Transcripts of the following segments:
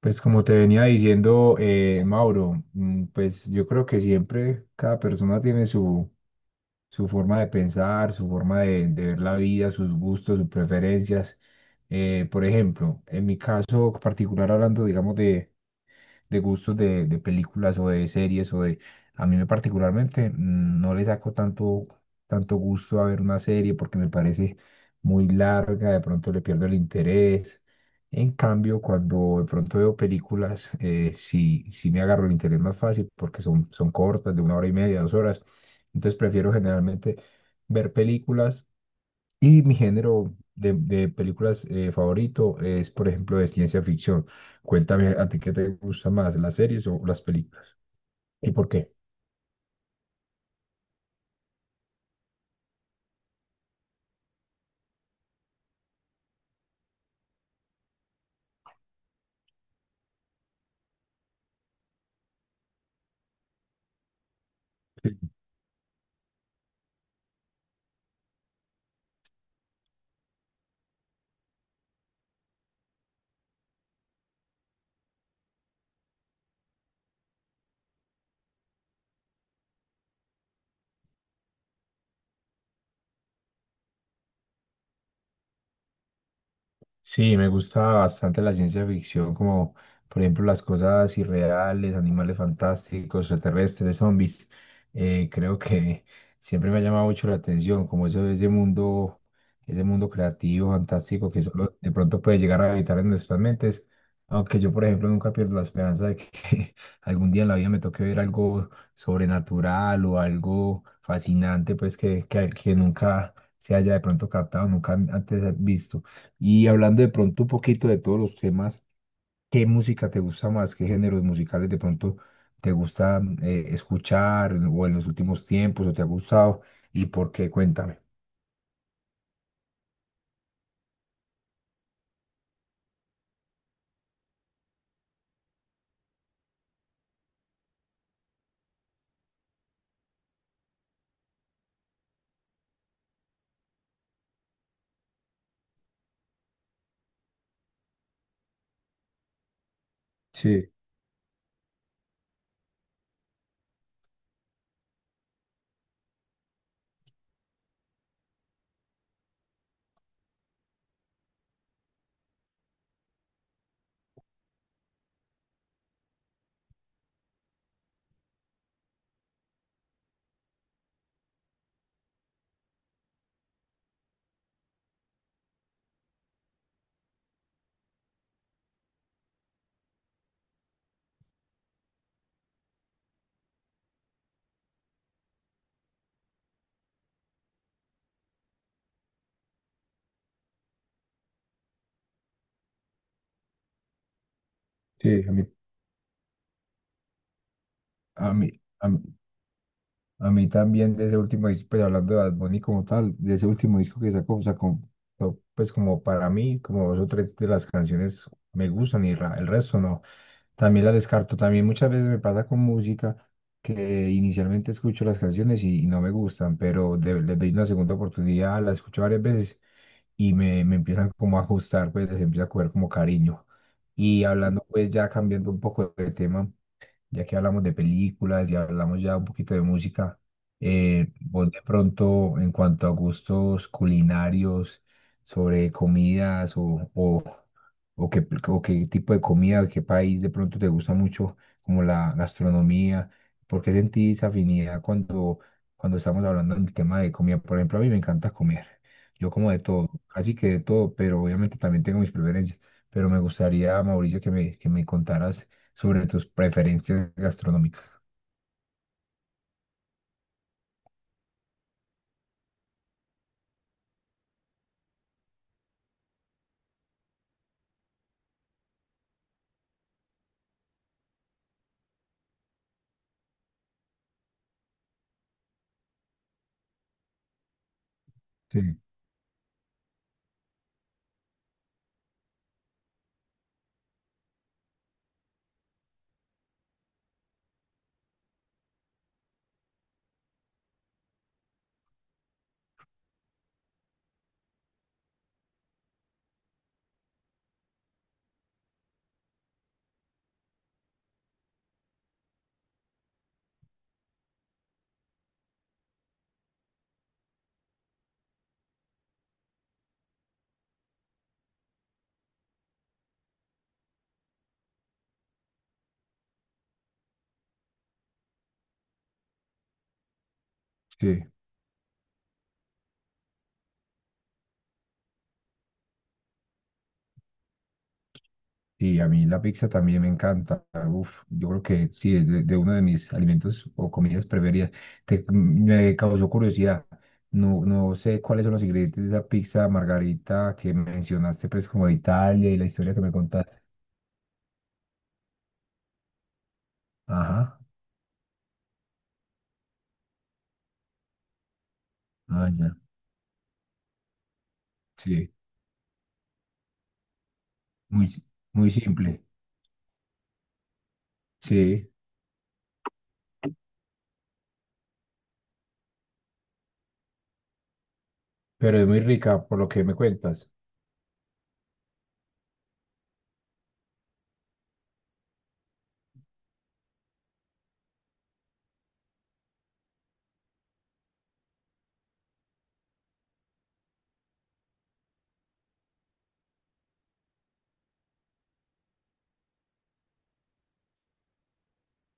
Pues como te venía diciendo, Mauro, pues yo creo que siempre cada persona tiene su forma de pensar, su forma de ver la vida, sus gustos, sus preferencias. Por ejemplo, en mi caso particular, hablando, digamos, de gustos de películas o de series o de... A mí me particularmente no le saco tanto gusto a ver una serie porque me parece muy larga, de pronto le pierdo el interés. En cambio, cuando de pronto veo películas, sí me agarro el interés más fácil porque son cortas, de una hora y media, dos horas. Entonces prefiero generalmente ver películas y mi género de películas favorito es, por ejemplo, de ciencia ficción. Cuéntame a ti qué te gusta más, ¿las series o las películas? ¿Y por qué? Sí, me gusta bastante la ciencia ficción, como por ejemplo las cosas irreales, animales fantásticos, extraterrestres, zombies. Creo que siempre me ha llamado mucho la atención, como eso, ese mundo creativo, fantástico, que solo de pronto puede llegar a habitar en nuestras mentes. Aunque yo, por ejemplo, nunca pierdo la esperanza de que algún día en la vida me toque ver algo sobrenatural o algo fascinante, pues que nunca se haya de pronto captado, nunca antes visto. Y hablando de pronto un poquito de todos los temas, ¿qué música te gusta más? ¿Qué géneros musicales de pronto te gusta escuchar, o en los últimos tiempos o te ha gustado? ¿Y por qué? Cuéntame. Sí, sí, a mí. A mí, a mí. A mí también de ese último disco, pues hablando de Bad Bunny como tal, de ese último disco que sacó, no, pues como para mí, como dos o tres de las canciones me gustan y ra- el resto no. También la descarto. También muchas veces me pasa con música que inicialmente escucho las canciones y no me gustan, pero de- les doy una segunda oportunidad, las escucho varias veces y me empiezan como a ajustar, pues les empieza a coger como cariño. Y hablando pues ya cambiando un poco de tema, ya que hablamos de películas y hablamos ya un poquito de música, vos de pronto en cuanto a gustos culinarios, sobre comidas o qué tipo de comida, qué país de pronto te gusta mucho, como la gastronomía, ¿por qué sentís afinidad cuando estamos hablando del tema de comida? Por ejemplo, a mí me encanta comer, yo como de todo, casi que de todo, pero obviamente también tengo mis preferencias. Pero me gustaría, Mauricio, que me contaras sobre tus preferencias gastronómicas. Sí, sí. Sí, a mí la pizza también me encanta. Uf, yo creo que sí, es de uno de mis alimentos o comidas preferidas. Te- me causó curiosidad. No, no sé cuáles son los ingredientes de esa pizza margarita que mencionaste, pues como de Italia y la historia que me contaste. Ajá, ah, ya. Sí, muy, muy simple. Sí, pero es muy rica por lo que me cuentas.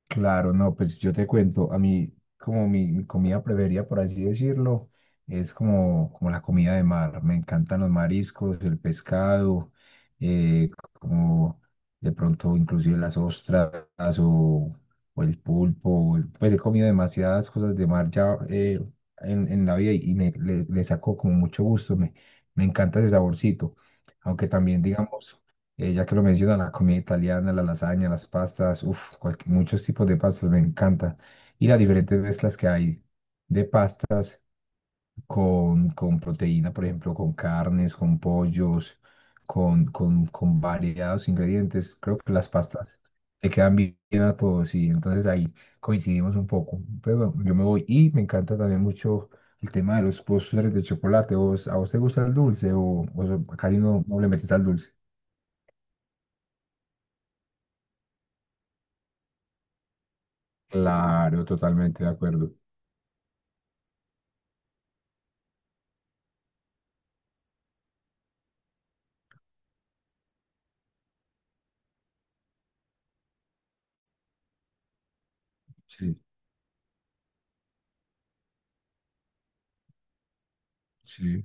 Claro, no, pues yo te cuento, a mí como mi comida preferida, por así decirlo, es como, como la comida de mar. Me encantan los mariscos, el pescado, eh, como de pronto inclusive las ostras o, o el pulpo. Pues he comido demasiadas cosas de mar ya, en la vida, y me, le saco como mucho gusto, me encanta ese saborcito. Aunque también, digamos, ya que lo menciona, la comida italiana, la lasaña, las pastas, uff, muchos tipos de pastas me encanta. Y las diferentes mezclas que hay de pasta con proteína, por ejemplo, con carnes, con pollos, con variados ingredientes. Creo que las pastas le quedan bien a todos y entonces ahí coincidimos un poco. Pero bueno, yo me voy y me encanta también mucho el tema de los postres de chocolate. ¿Vos, a vos te gusta el dulce o so, casi no, no le metes al dulce? Claro, totalmente de acuerdo. Sí, sí.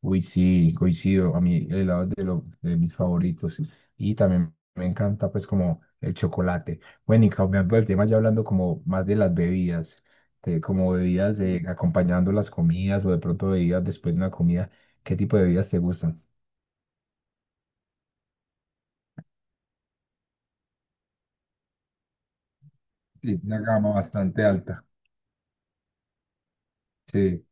Uy, sí, coincido. A mí el helado es de, lo- de mis favoritos. Y también me encanta, pues, como el chocolate. Bueno, y cambiando el tema, ya hablando como más de las bebidas, de como bebidas acompañando las comidas o de pronto bebidas después de una comida, ¿qué tipo de bebidas te gustan? Sí, una gama bastante alta. Sí,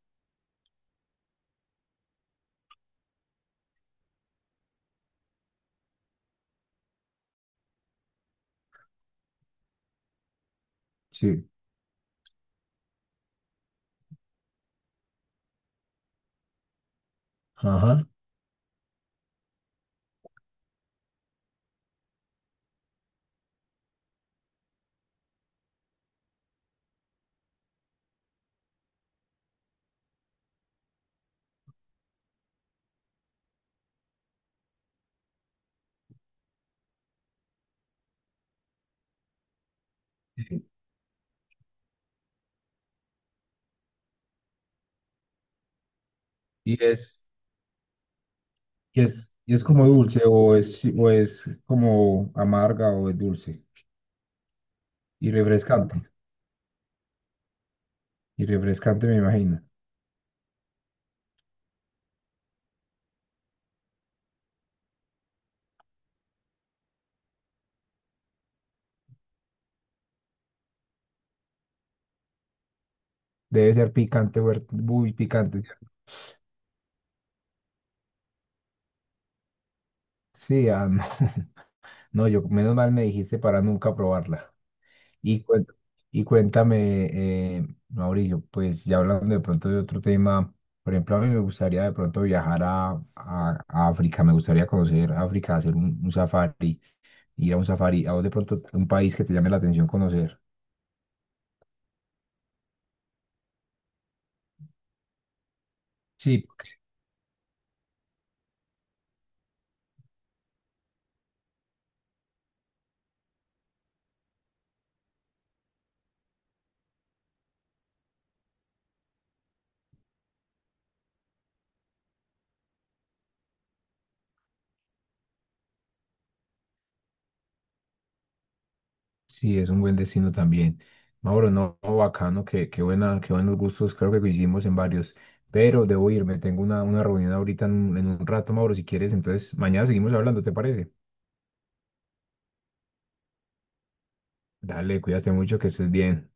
sí. Ajá. Sí. Y es, ¿Y es como dulce o es como amarga o es dulce? Y refrescante, y refrescante me imagino. Debe ser picante, huer- muy picante, ¿cierto? Sí, ah, no. No, yo, menos mal me dijiste para nunca probarla. Y, cuen- y cuéntame, Mauricio, pues ya hablando de pronto de otro tema, por ejemplo, a mí me gustaría de pronto viajar a África, me gustaría conocer África, hacer un safari, ir a un safari. A vos de pronto, ¿un país que te llame la atención conocer? Sí, sí, es un buen destino también. Mauro, no, no, bacano, qué buenos gustos, creo que coincidimos en varios, pero debo irme, tengo una reunión ahorita en un rato, Mauro, si quieres, entonces mañana seguimos hablando, ¿te parece? Dale, cuídate mucho, que estés bien.